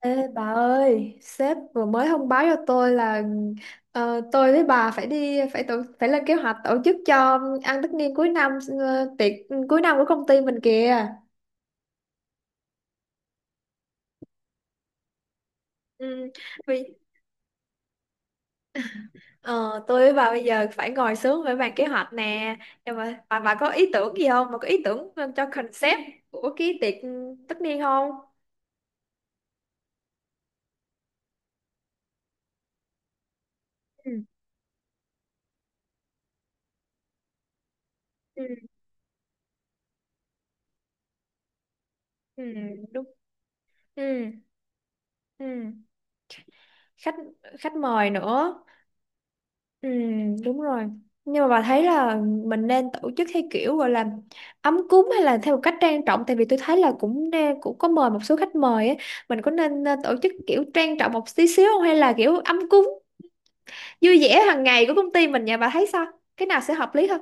Ê bà ơi, sếp vừa mới thông báo cho tôi là tôi với bà phải lên kế hoạch tổ chức cho ăn tất niên cuối năm, tiệc cuối năm của công ty mình kìa. Ừ, vì ờ, tôi với bà bây giờ phải ngồi xuống phải bàn kế hoạch nè, nhưng mà bà có ý tưởng gì không, bà có ý tưởng cho concept của cái tiệc tất niên không? Ừ, ừ, ừ, đúng. Ừ, ừ. khách khách mời nữa. Ừ, đúng rồi. Nhưng mà bà thấy là mình nên tổ chức theo kiểu gọi là ấm cúng hay là theo một cách trang trọng, tại vì tôi thấy là cũng cũng có mời một số khách mời á, mình có nên tổ chức kiểu trang trọng một tí xíu không hay là kiểu ấm cúng vui vẻ hàng ngày của công ty mình nhà bà thấy sao? Cái nào sẽ hợp lý hơn?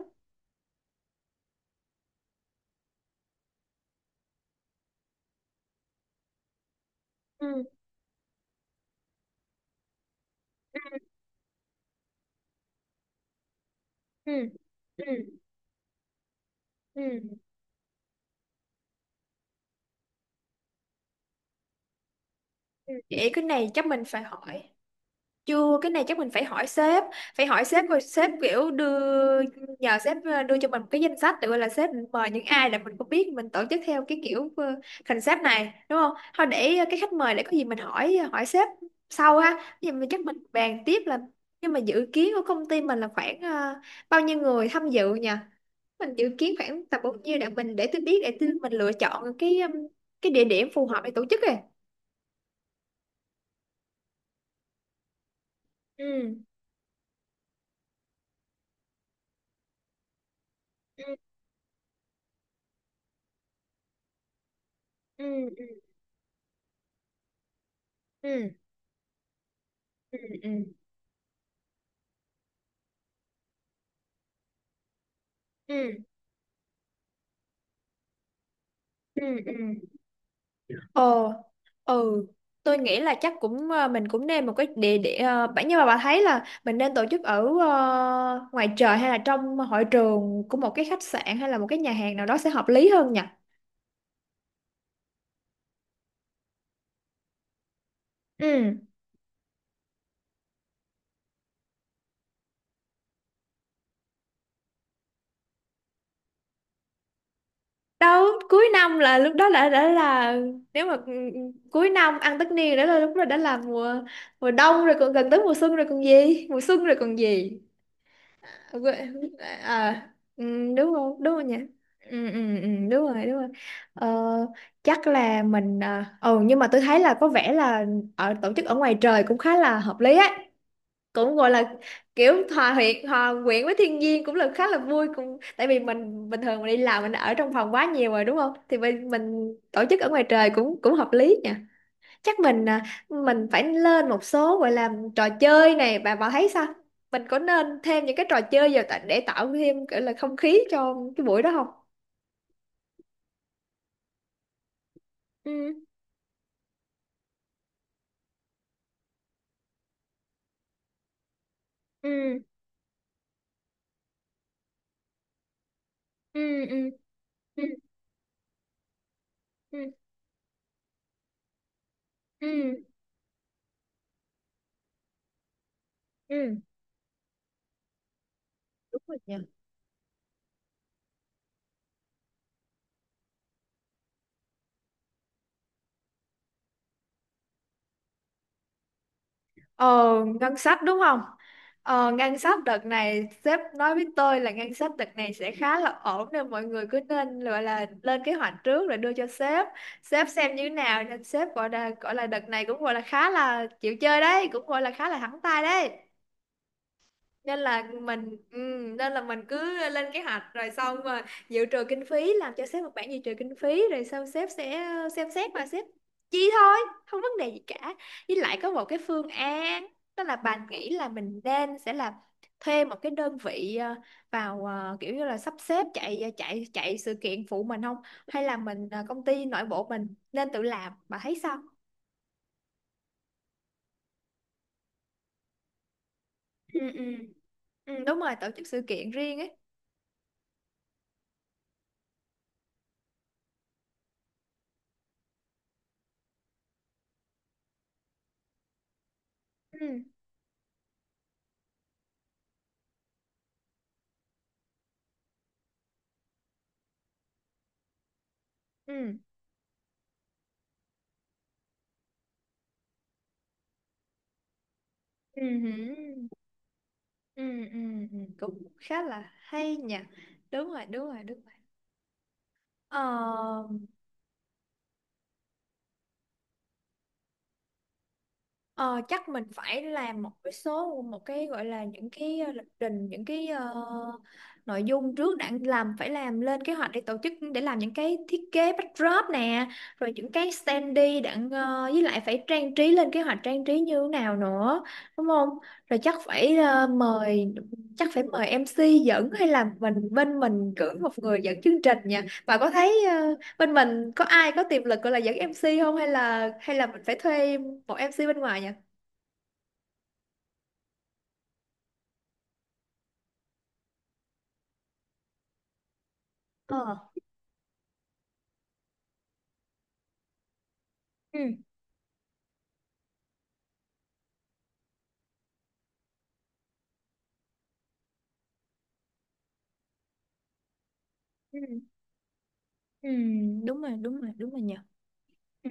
Ừ, ừ, ừ, ừ, ừ. Ừ. Vậy cái này chắc mình phải hỏi. Chưa, cái này chắc mình phải hỏi sếp rồi sếp kiểu đưa, nhờ sếp đưa cho mình một cái danh sách tự gọi là sếp mời những ai là mình không biết mình tổ chức theo cái kiểu concept này đúng không? Thôi để cái khách mời để có gì mình hỏi hỏi sếp sau ha. Thì mình chắc mình bàn tiếp là nhưng mà dự kiến của công ty mình là khoảng bao nhiêu người tham dự nhỉ? Mình dự kiến khoảng tầm bao nhiêu để mình để tôi mình lựa chọn cái địa điểm phù hợp để tổ chức rồi. Ừ. Ừ. Ừ. Ừ. Ừ. Ừ. Ừ. Ừ, ừ, ừ, ờ, ừ. Tôi nghĩ là chắc cũng mình cũng nên một cái địa điểm bản, nhưng mà bà thấy là mình nên tổ chức ở ngoài trời hay là trong hội trường của một cái khách sạn hay là một cái nhà hàng nào đó sẽ hợp lý hơn nhỉ? Ừ, đâu cuối năm là lúc đó đã là, nếu mà ừ, ừ, cuối năm ăn tất niên đã là lúc đó đã là mùa mùa đông rồi còn gần tới mùa xuân rồi còn gì, mùa xuân rồi còn gì. Quê- À, ừ, đúng không nhỉ? Ừ, ừ, ừ, đúng rồi đúng rồi. ờ, Chắc là mình nhưng mà tôi thấy là có vẻ là ở tổ chức ở ngoài trời cũng khá là hợp lý ấy, cũng gọi là kiểu hòa quyện với thiên nhiên cũng là khá là vui, cũng tại vì mình bình thường mình đi làm mình ở trong phòng quá nhiều rồi đúng không, thì mình tổ chức ở ngoài trời cũng cũng hợp lý nhỉ. Chắc mình mình phải lên một số gọi là trò chơi này, bà thấy sao? Mình có nên thêm những cái trò chơi vào để tạo thêm kiểu là không khí cho cái buổi đó không? Ừ, ừ, ừ, ừ, ừ, ừ, ừ, ừ. Ờ, ngân sách đúng không? Ờ, ngân sách đợt này sếp nói với tôi là ngân sách đợt này sẽ khá là ổn nên mọi người cứ nên gọi là lên kế hoạch trước rồi đưa cho sếp. Sếp xem như thế nào nên sếp gọi là đợt này cũng gọi là khá là chịu chơi đấy, cũng gọi là khá là thẳng tay đấy, nên là mình cứ lên kế hoạch rồi xong mà dự trù kinh phí, làm cho sếp một bản dự trù kinh phí rồi xong sếp sẽ xem xét mà sếp chi thôi, không vấn đề gì cả. Với lại có một cái phương án đó là bạn nghĩ là mình nên sẽ là thuê một cái đơn vị vào kiểu như là sắp xếp chạy ờ, chạy chạy sự kiện phụ mình không, hay là mình công ty nội bộ mình nên tự làm, bà thấy sao? Ừ, ừ. Ừ, đúng rồi, tổ chức sự kiện riêng ấy. Ừ, ừ. Ừ. Ừ, ừ, ừ, cũng khá là hay nhỉ, đúng rồi đúng rồi đúng rồi. Ờ. Ờ, chắc mình phải làm một cái gọi là những cái lịch trình, những cái nội dung trước đã làm, phải làm lên kế hoạch để tổ chức để làm những cái thiết kế backdrop nè, rồi những cái standee đã, với lại phải trang trí, lên kế hoạch trang trí như thế nào nữa đúng không? Rồi chắc phải mời MC dẫn hay là mình bên mình cử một người dẫn chương trình nha. Bà có thấy bên mình có ai có tiềm lực gọi là dẫn MC không hay là mình phải thuê một MC bên ngoài nhỉ? Ờ, ừ, ừ, ừ, đúng rồi đúng rồi đúng rồi nhỉ. Ừ,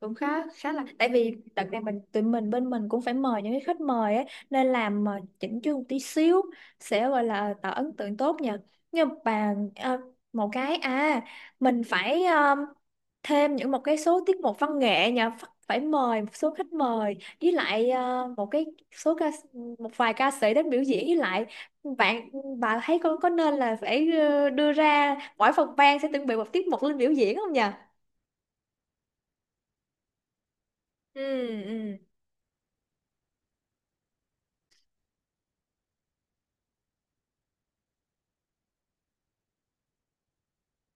cũng khá khá là, tại vì đợt này mình bên mình cũng phải mời những cái khách mời ấy nên làm mà chỉnh chu một tí xíu sẽ gọi là tạo ấn tượng tốt nhỉ. Nhưng mà một cái mình phải thêm những một cái số tiết mục văn nghệ nhà Phật, phải mời một số khách mời, với lại một cái số ca, một vài ca sĩ đến biểu diễn, với lại bạn bà thấy con có nên là phải đưa ra mỗi phòng ban sẽ chuẩn bị một tiết mục lên biểu diễn không nhỉ? Ừ, ừ.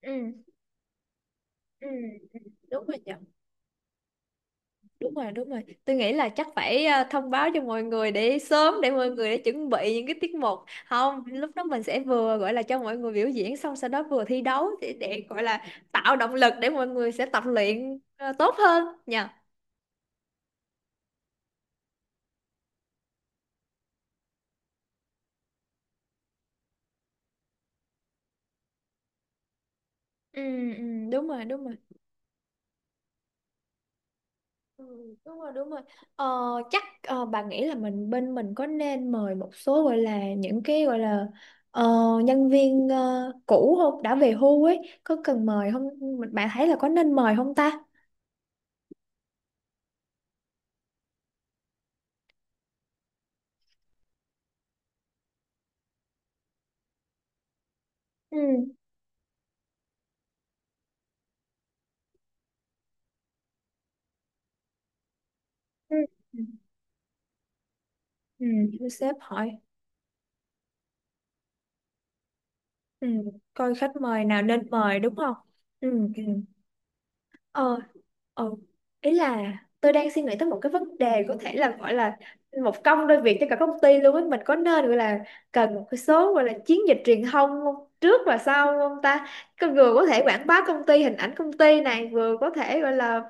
Ừ, ừ, ừ, đúng rồi nhỉ. Đúng rồi đúng rồi, tôi nghĩ là chắc phải thông báo cho mọi người để sớm, để mọi người để chuẩn bị những cái tiết mục, không lúc đó mình sẽ vừa gọi là cho mọi người biểu diễn xong sau đó vừa thi đấu để, gọi là tạo động lực để mọi người sẽ tập luyện tốt hơn nha. Ừ, ừ, đúng rồi đúng rồi. Ừ, đúng rồi đúng rồi. ờ, bà nghĩ là mình bên mình có nên mời một số gọi là những cái gọi là ờ, nhân viên cũ không, đã về hưu ấy, có cần mời không? Bạn thấy là có nên mời không ta? Ừ. Ừ. Ừ. Ừ, để sếp hỏi. Ừ. Coi khách mời nào nên mời đúng không? Ừ. Ừ. Ờ. Ừ. Ý là tôi đang suy nghĩ tới một cái vấn đề có thể là gọi là một công đôi việc cho cả công ty luôn ấy, mình có nên gọi là cần một cái số gọi là chiến dịch truyền thông không, trước và sau không ta? Cái vừa có thể quảng bá công ty, hình ảnh công ty này, vừa có thể gọi là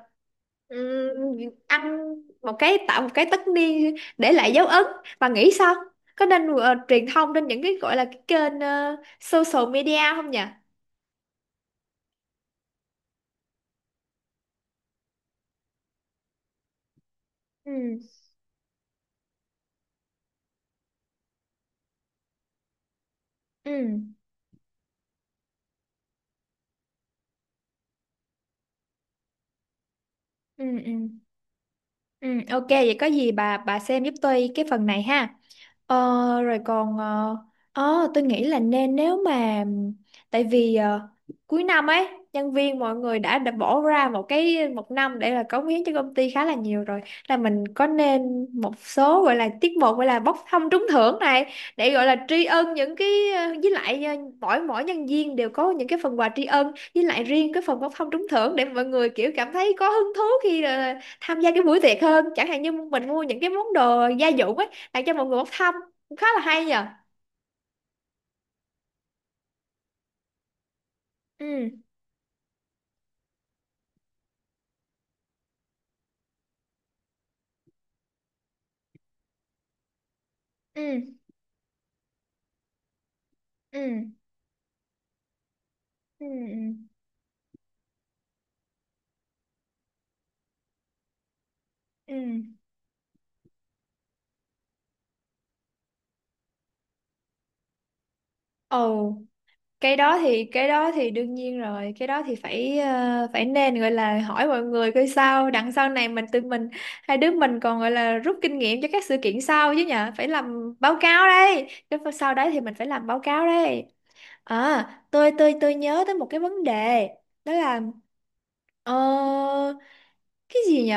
ừm, ăn một cái tạo một cái tất niên để lại dấu ấn, và nghĩ sao, có nên truyền thông trên những cái gọi là cái kênh social media không nhỉ? Ừ. Ừ. Ừ. Ừ. Ừ, ok vậy có gì bà xem giúp tôi cái phần này ha. Ờ, rồi còn tôi nghĩ là nên nếu mà tại vì cuối năm ấy, nhân viên mọi người đã bỏ ra một cái một năm để là cống hiến cho công ty khá là nhiều rồi, là mình có nên một số gọi là tiết mục gọi là bốc thăm trúng thưởng này để gọi là tri ân những cái, với lại mỗi mỗi nhân viên đều có những cái phần quà tri ân, với lại riêng cái phần bốc thăm trúng thưởng để mọi người kiểu cảm thấy có hứng thú khi tham gia cái buổi tiệc hơn, chẳng hạn như mình mua những cái món đồ gia dụng ấy tặng cho mọi người bốc thăm, cũng khá là hay nhờ. Ừ, ừ, ừ, ừ, ừ, ừ. Ồ, cái đó thì đương nhiên rồi, cái đó thì phải nên gọi là hỏi mọi người coi sao đằng sau này, mình tự mình hai đứa mình còn gọi là rút kinh nghiệm cho các sự kiện sau chứ nhở. Phải làm báo cáo đây, cái phần sau đấy thì mình phải làm báo cáo đây. Tôi nhớ tới một cái vấn đề, đó là ờ, cái gì nhỉ,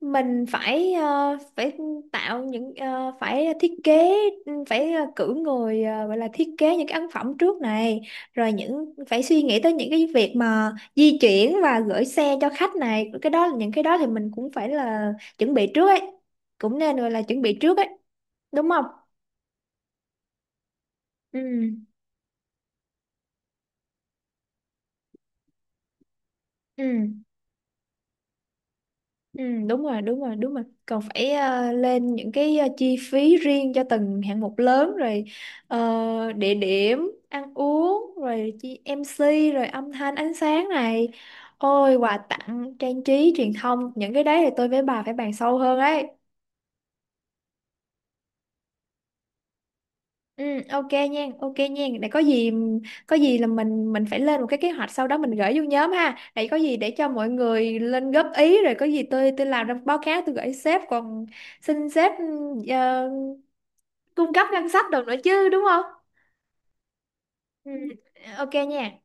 mình phải ờ, phải tạo những, phải thiết kế, cử người gọi là thiết kế những cái ấn phẩm trước này, rồi những phải suy nghĩ tới những cái việc mà di chuyển và gửi xe cho khách này, cái đó những cái đó thì mình cũng phải là chuẩn bị trước ấy, cũng nên gọi là chuẩn bị trước ấy đúng không? Ừ, ừ. Ừ, đúng rồi, đúng rồi, đúng rồi. Còn phải lên những cái chi phí riêng cho từng hạng mục lớn rồi, địa điểm, ăn uống, rồi chi em MC, rồi âm thanh, ánh sáng này. Ôi, quà tặng, trang trí, truyền thông, những cái đấy thì tôi với bà phải bàn sâu hơn ấy. Ừ, ok nha, ok nha. Để có gì là mình phải lên một cái kế hoạch sau đó mình gửi vô nhóm ha. Để có gì để cho mọi người lên góp ý rồi có gì tôi làm ra báo cáo tôi gửi sếp, còn xin sếp uh, cung cấp ngân sách được nữa chứ đúng không? Ừ. Ok nha.